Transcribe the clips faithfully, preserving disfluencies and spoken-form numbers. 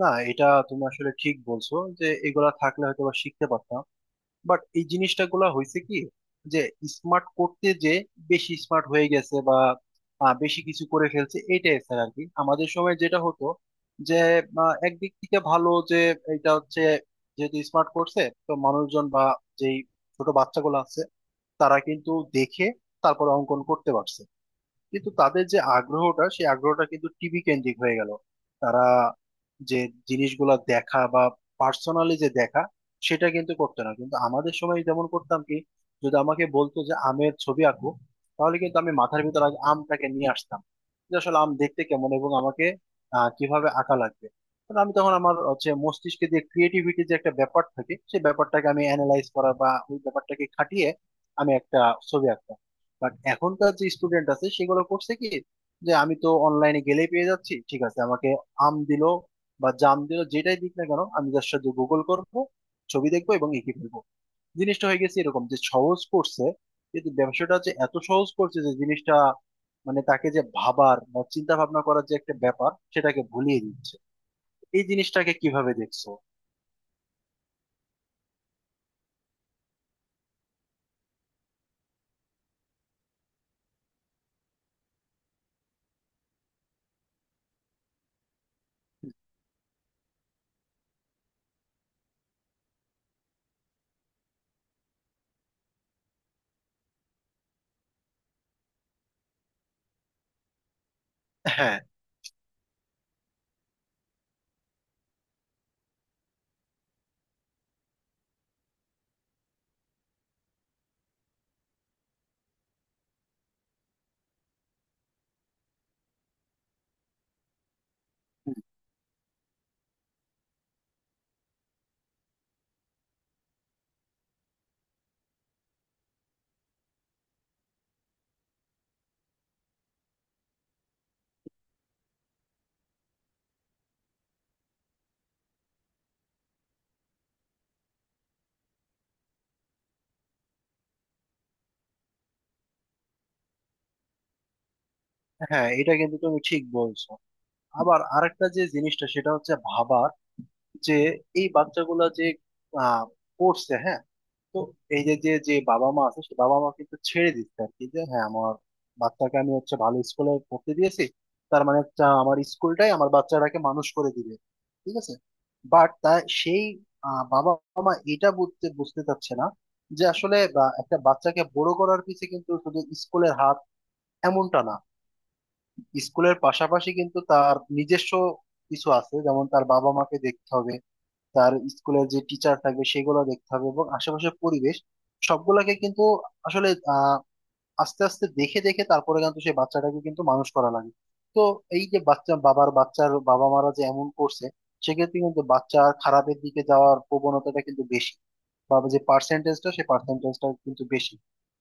না, এটা তুমি আসলে ঠিক বলছো যে এগুলা থাকলে হয়তো বা শিখতে পারতাম। বাট এই জিনিসটা গুলা হয়েছে কি, যে স্মার্ট করতে যে বেশি স্মার্ট হয়ে গেছে, বা আহ, বেশি কিছু করে ফেলছে। এটাই স্যার আর কি, আমাদের সময় যেটা হতো, যে আহ, একদিক থেকে ভালো যে এটা হচ্ছে, যেহেতু স্মার্ট করছে। তো মানুষজন বা যেই ছোট বাচ্চাগুলো আছে, তারা কিন্তু দেখে তারপর অঙ্কন করতে পারছে। কিন্তু তাদের যে আগ্রহটা, সেই আগ্রহটা কিন্তু টিভি কেন্দ্রিক হয়ে গেল। তারা যে জিনিসগুলো দেখা বা পার্সোনালি যে দেখা, সেটা কিন্তু করতে না। কিন্তু আমাদের সময় যেমন করতাম কি, যদি আমাকে বলতো যে আমের ছবি আঁকো, তাহলে কিন্তু আমি মাথার ভিতর আগে আমটাকে নিয়ে আসতাম, যে আসলে আম দেখতে কেমন এবং আমাকে আহ, কিভাবে আঁকা লাগবে। কারণ আমি তখন আমার হচ্ছে মস্তিষ্কে যে ক্রিয়েটিভিটি যে একটা ব্যাপার থাকে, সেই ব্যাপারটাকে আমি অ্যানালাইজ করা বা ওই ব্যাপারটাকে খাটিয়ে আমি একটা ছবি আঁকতাম। বাট এখনকার যে স্টুডেন্ট আছে, সেগুলো করছে কি, যে আমি তো অনলাইনে গেলেই পেয়ে যাচ্ছি। ঠিক আছে, আমাকে আম দিল বা জাম দিল, যেটাই দিক না কেন, আমি তার সাথে গুগল করব, ছবি দেখবো এবং এঁকে ফেলবো। জিনিসটা হয়ে গেছে এরকম, যে সহজ করছে, কিন্তু ব্যবসাটা যে এত সহজ করছে যে জিনিসটা, মানে তাকে যে ভাবার বা চিন্তা ভাবনা করার যে একটা ব্যাপার, সেটাকে ভুলিয়ে দিচ্ছে। এই জিনিসটাকে কিভাবে দেখছো? হ্যাঁ, হ্যাঁ, এটা কিন্তু তুমি ঠিক বলছো। আবার আরেকটা যে জিনিসটা সেটা হচ্ছে ভাবা, যে এই বাচ্চাগুলা যে আহ, পড়ছে। হ্যাঁ। তো এই যে যে যে বাবা মা আছে, সে বাবা মা কিন্তু ছেড়ে দিচ্ছে আর কি, যে হ্যাঁ আমার বাচ্চাকে আমি হচ্ছে ভালো স্কুলে পড়তে দিয়েছি। তার মানে হচ্ছে আমার স্কুলটাই আমার বাচ্চাটাকে মানুষ করে দিবে, ঠিক আছে? বাট তা সেই আহ, বাবা মা এটা বুঝতে বুঝতে চাচ্ছে না যে আসলে বা, একটা বাচ্চাকে বড় করার পিছে কিন্তু শুধু স্কুলের হাত, এমনটা না। স্কুলের পাশাপাশি কিন্তু তার নিজস্ব কিছু আছে, যেমন তার বাবা মাকে দেখতে হবে, তার স্কুলের যে টিচার থাকবে সেগুলো দেখতে হবে এবং আশেপাশের পরিবেশ সবগুলাকে কিন্তু আসলে আহ আস্তে আস্তে দেখে দেখে তারপরে কিন্তু সেই বাচ্চাটাকে কিন্তু মানুষ করা লাগে। তো এই যে বাচ্চা বাবার বাচ্চার বাবা মারা যে এমন করছে, সেক্ষেত্রে কিন্তু বাচ্চা খারাপের দিকে যাওয়ার প্রবণতাটা কিন্তু বেশি, বা যে পার্সেন্টেজটা, সেই পার্সেন্টেজটা কিন্তু বেশি।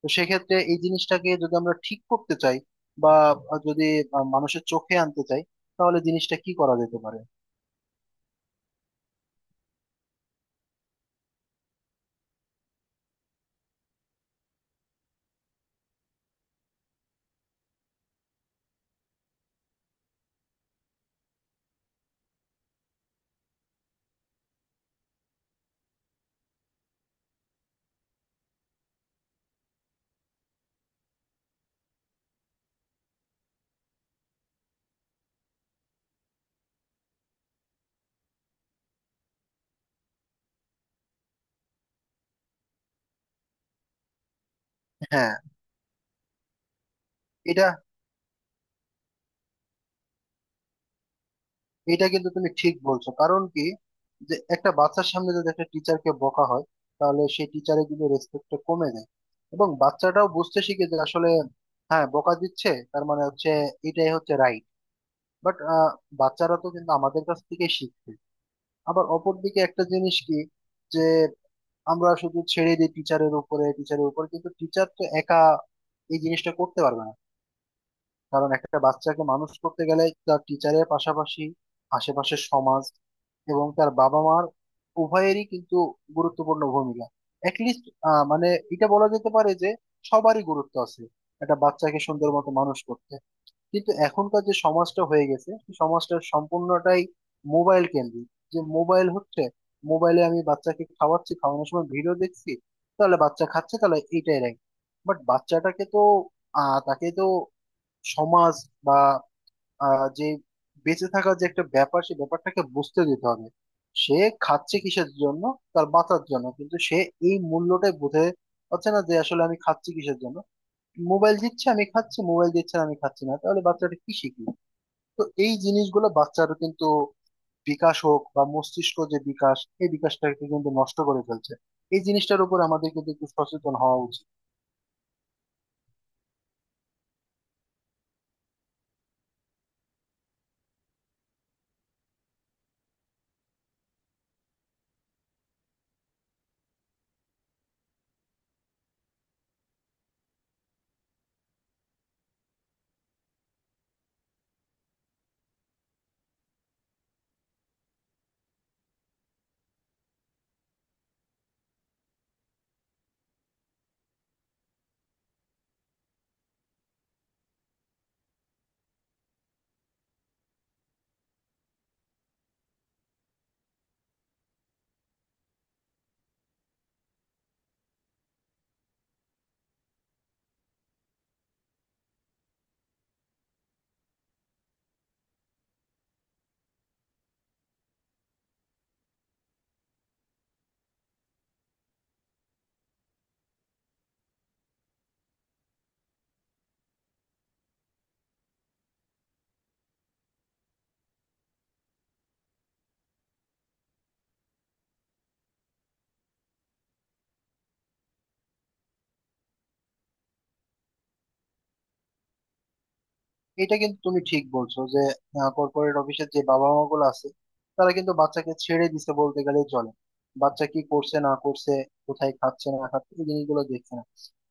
তো সেক্ষেত্রে এই জিনিসটাকে যদি আমরা ঠিক করতে চাই, বা যদি আহ, মানুষের চোখে আনতে চাই, তাহলে জিনিসটা কি করা যেতে পারে? হ্যাঁ, এটা এটা কিন্তু তুমি ঠিক বলছো। কারণ কি, যে একটা বাচ্চার সামনে যদি একটা টিচারকে বকা হয়, তাহলে সেই টিচারের কিন্তু রেসপেক্টটা কমে যায়, এবং বাচ্চাটাও বুঝতে শিখে যে আসলে হ্যাঁ বকা দিচ্ছে, তার মানে হচ্ছে এটাই হচ্ছে রাইট। বাট বাচ্চারা তো কিন্তু আমাদের কাছ থেকে শিখছে। আবার অপরদিকে একটা জিনিস কি, যে আমরা শুধু ছেড়ে দিই টিচারের উপরে টিচারের উপর, কিন্তু টিচার তো একা এই জিনিসটা করতে পারবে না। কারণ একটা বাচ্চাকে মানুষ করতে গেলে তার টিচারের পাশাপাশি আশেপাশের সমাজ এবং তার বাবা মার উভয়েরই কিন্তু গুরুত্বপূর্ণ ভূমিকা। অ্যাটলিস্ট মানে এটা বলা যেতে পারে যে সবারই গুরুত্ব আছে একটা বাচ্চাকে সুন্দর মতো মানুষ করতে। কিন্তু এখনকার যে সমাজটা হয়ে গেছে, সেই সমাজটা সম্পূর্ণটাই মোবাইল কেন্দ্রিক, যে মোবাইল হচ্ছে, মোবাইলে আমি বাচ্চাকে খাওয়াচ্ছি, খাওয়ানোর সময় ভিডিও দেখছি, তাহলে বাচ্চা খাচ্ছে, তাহলে এইটাই রাখি। বাট বাচ্চাটাকে তো আহ তাকে তো সমাজ বা আহ, যে বেঁচে থাকার যে একটা ব্যাপার, সেই ব্যাপারটাকে বুঝতে দিতে হবে। সে খাচ্ছে কিসের জন্য, তার বাঁচার জন্য, কিন্তু সে এই মূল্যটাই বুঝে পাচ্ছে না যে আসলে আমি খাচ্ছি কিসের জন্য। মোবাইল দিচ্ছে আমি খাচ্ছি, মোবাইল দিচ্ছে না আমি খাচ্ছি না, তাহলে বাচ্চাটা কি শিখবে? তো এই জিনিসগুলো বাচ্চার কিন্তু বিকাশ হোক বা মস্তিষ্ক যে বিকাশ, এই বিকাশটাকে কিন্তু নষ্ট করে ফেলছে। এই জিনিসটার উপর আমাদের কিন্তু একটু সচেতন হওয়া উচিত। এটা কিন্তু তুমি ঠিক বলছো যে কর্পোরেট অফিসের যে বাবা মা গুলো আছে, তারা কিন্তু বাচ্চাকে ছেড়ে দিছে বলতে গেলেই চলে। বাচ্চা কি করছে না করছে, কোথায় খাচ্ছে না খাচ্ছে, এই জিনিসগুলো দেখছে না।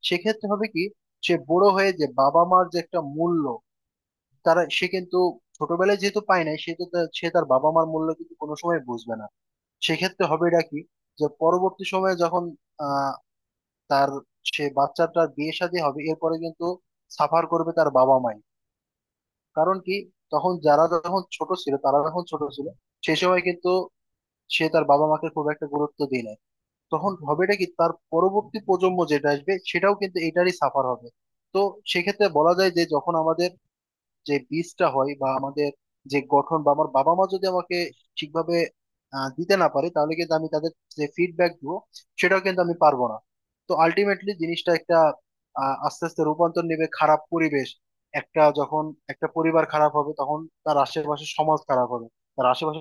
সেক্ষেত্রে হবে কি, সে বড় হয়ে যে বাবা মার যে একটা মূল্য, তারা সে কিন্তু ছোটবেলায় যেহেতু পায় নাই, সে তো তার- সে তার বাবা মার মূল্য কিন্তু কোনো সময় বুঝবে না। সেক্ষেত্রে হবে এটা কি, যে পরবর্তী সময়ে যখন আহ তার সে বাচ্চাটার বিয়ে শাদী হবে, এরপরে কিন্তু সাফার করবে তার বাবা মাই। কারণ কি, তখন যারা যখন ছোট ছিল তারা যখন ছোট ছিল, সে সময় কিন্তু সে তার বাবা মাকে খুব একটা গুরুত্ব দিয়ে নাই। তখন হবেটা কি, তার পরবর্তী প্রজন্ম যেটা আসবে, সেটাও কিন্তু এটারই সাফার হবে। তো সেক্ষেত্রে বলা যায় যে যখন আমাদের যে বীজটা হয় বা আমাদের যে গঠন, বা আমার বাবা মা যদি আমাকে ঠিকভাবে আহ, দিতে না পারে, তাহলে কিন্তু আমি তাদের যে ফিডব্যাক দিব, সেটাও কিন্তু আমি পারবো না। তো আলটিমেটলি জিনিসটা একটা আহ, আস্তে আস্তে রূপান্তর নেবে খারাপ পরিবেশ। একটা যখন একটা পরিবার খারাপ হবে, তখন তার আশেপাশে সমাজ খারাপ হবে, তার আশেপাশে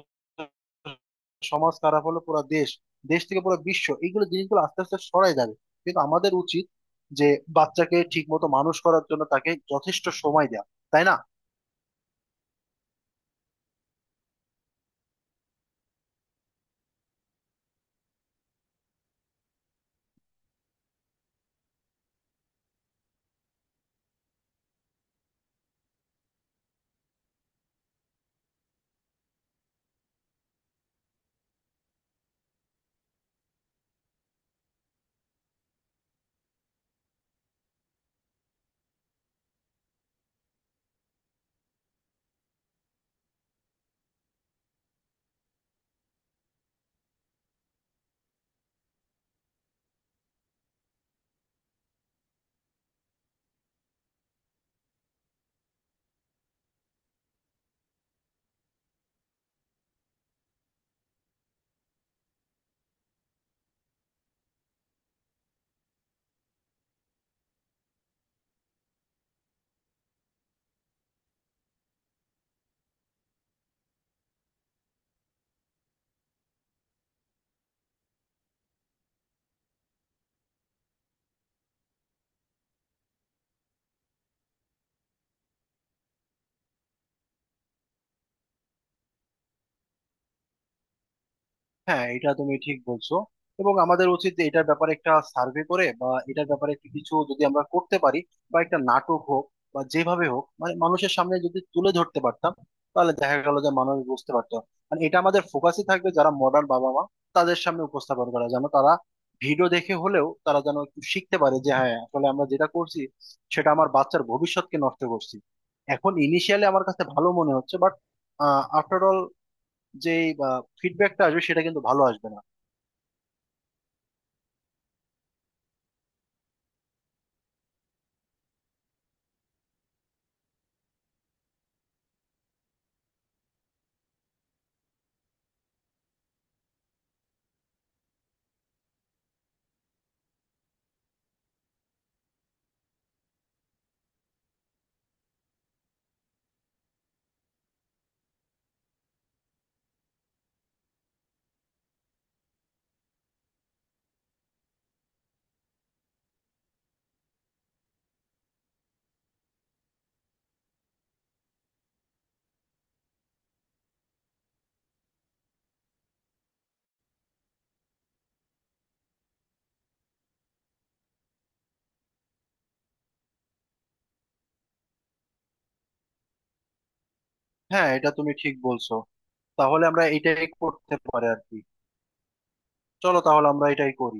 সমাজ খারাপ হলে পুরো দেশ, দেশ থেকে পুরো বিশ্ব, এইগুলো জিনিসগুলো আস্তে আস্তে সরাই যাবে। কিন্তু আমাদের উচিত যে বাচ্চাকে ঠিক মতো মানুষ করার জন্য তাকে যথেষ্ট সময় দেওয়া, তাই না? হ্যাঁ, এটা তুমি ঠিক বলছো। এবং আমাদের উচিত যে এটার ব্যাপারে একটা সার্ভে করে, বা এটার ব্যাপারে একটু কিছু যদি আমরা করতে পারি, বা একটা নাটক হোক, বা যেভাবে হোক, মানে মানুষের সামনে যদি তুলে ধরতে পারতাম, তাহলে দেখা গেল যে মানুষ বুঝতে পারতো। মানে এটা আমাদের ফোকাসই থাকবে, যারা মডার্ন বাবা মা তাদের সামনে উপস্থাপন করা, যেন তারা ভিডিও দেখে হলেও তারা যেন একটু শিখতে পারে যে হ্যাঁ আসলে আমরা যেটা করছি, সেটা আমার বাচ্চার ভবিষ্যৎকে নষ্ট করছি। এখন ইনিশিয়ালি আমার কাছে ভালো মনে হচ্ছে, বাট আফটার অল যে ফিডব্যাকটা আসবে, সেটা কিন্তু ভালো আসবে না। হ্যাঁ, এটা তুমি ঠিক বলছো। তাহলে আমরা এটাই করতে পারি আর কি। চলো তাহলে আমরা এটাই করি।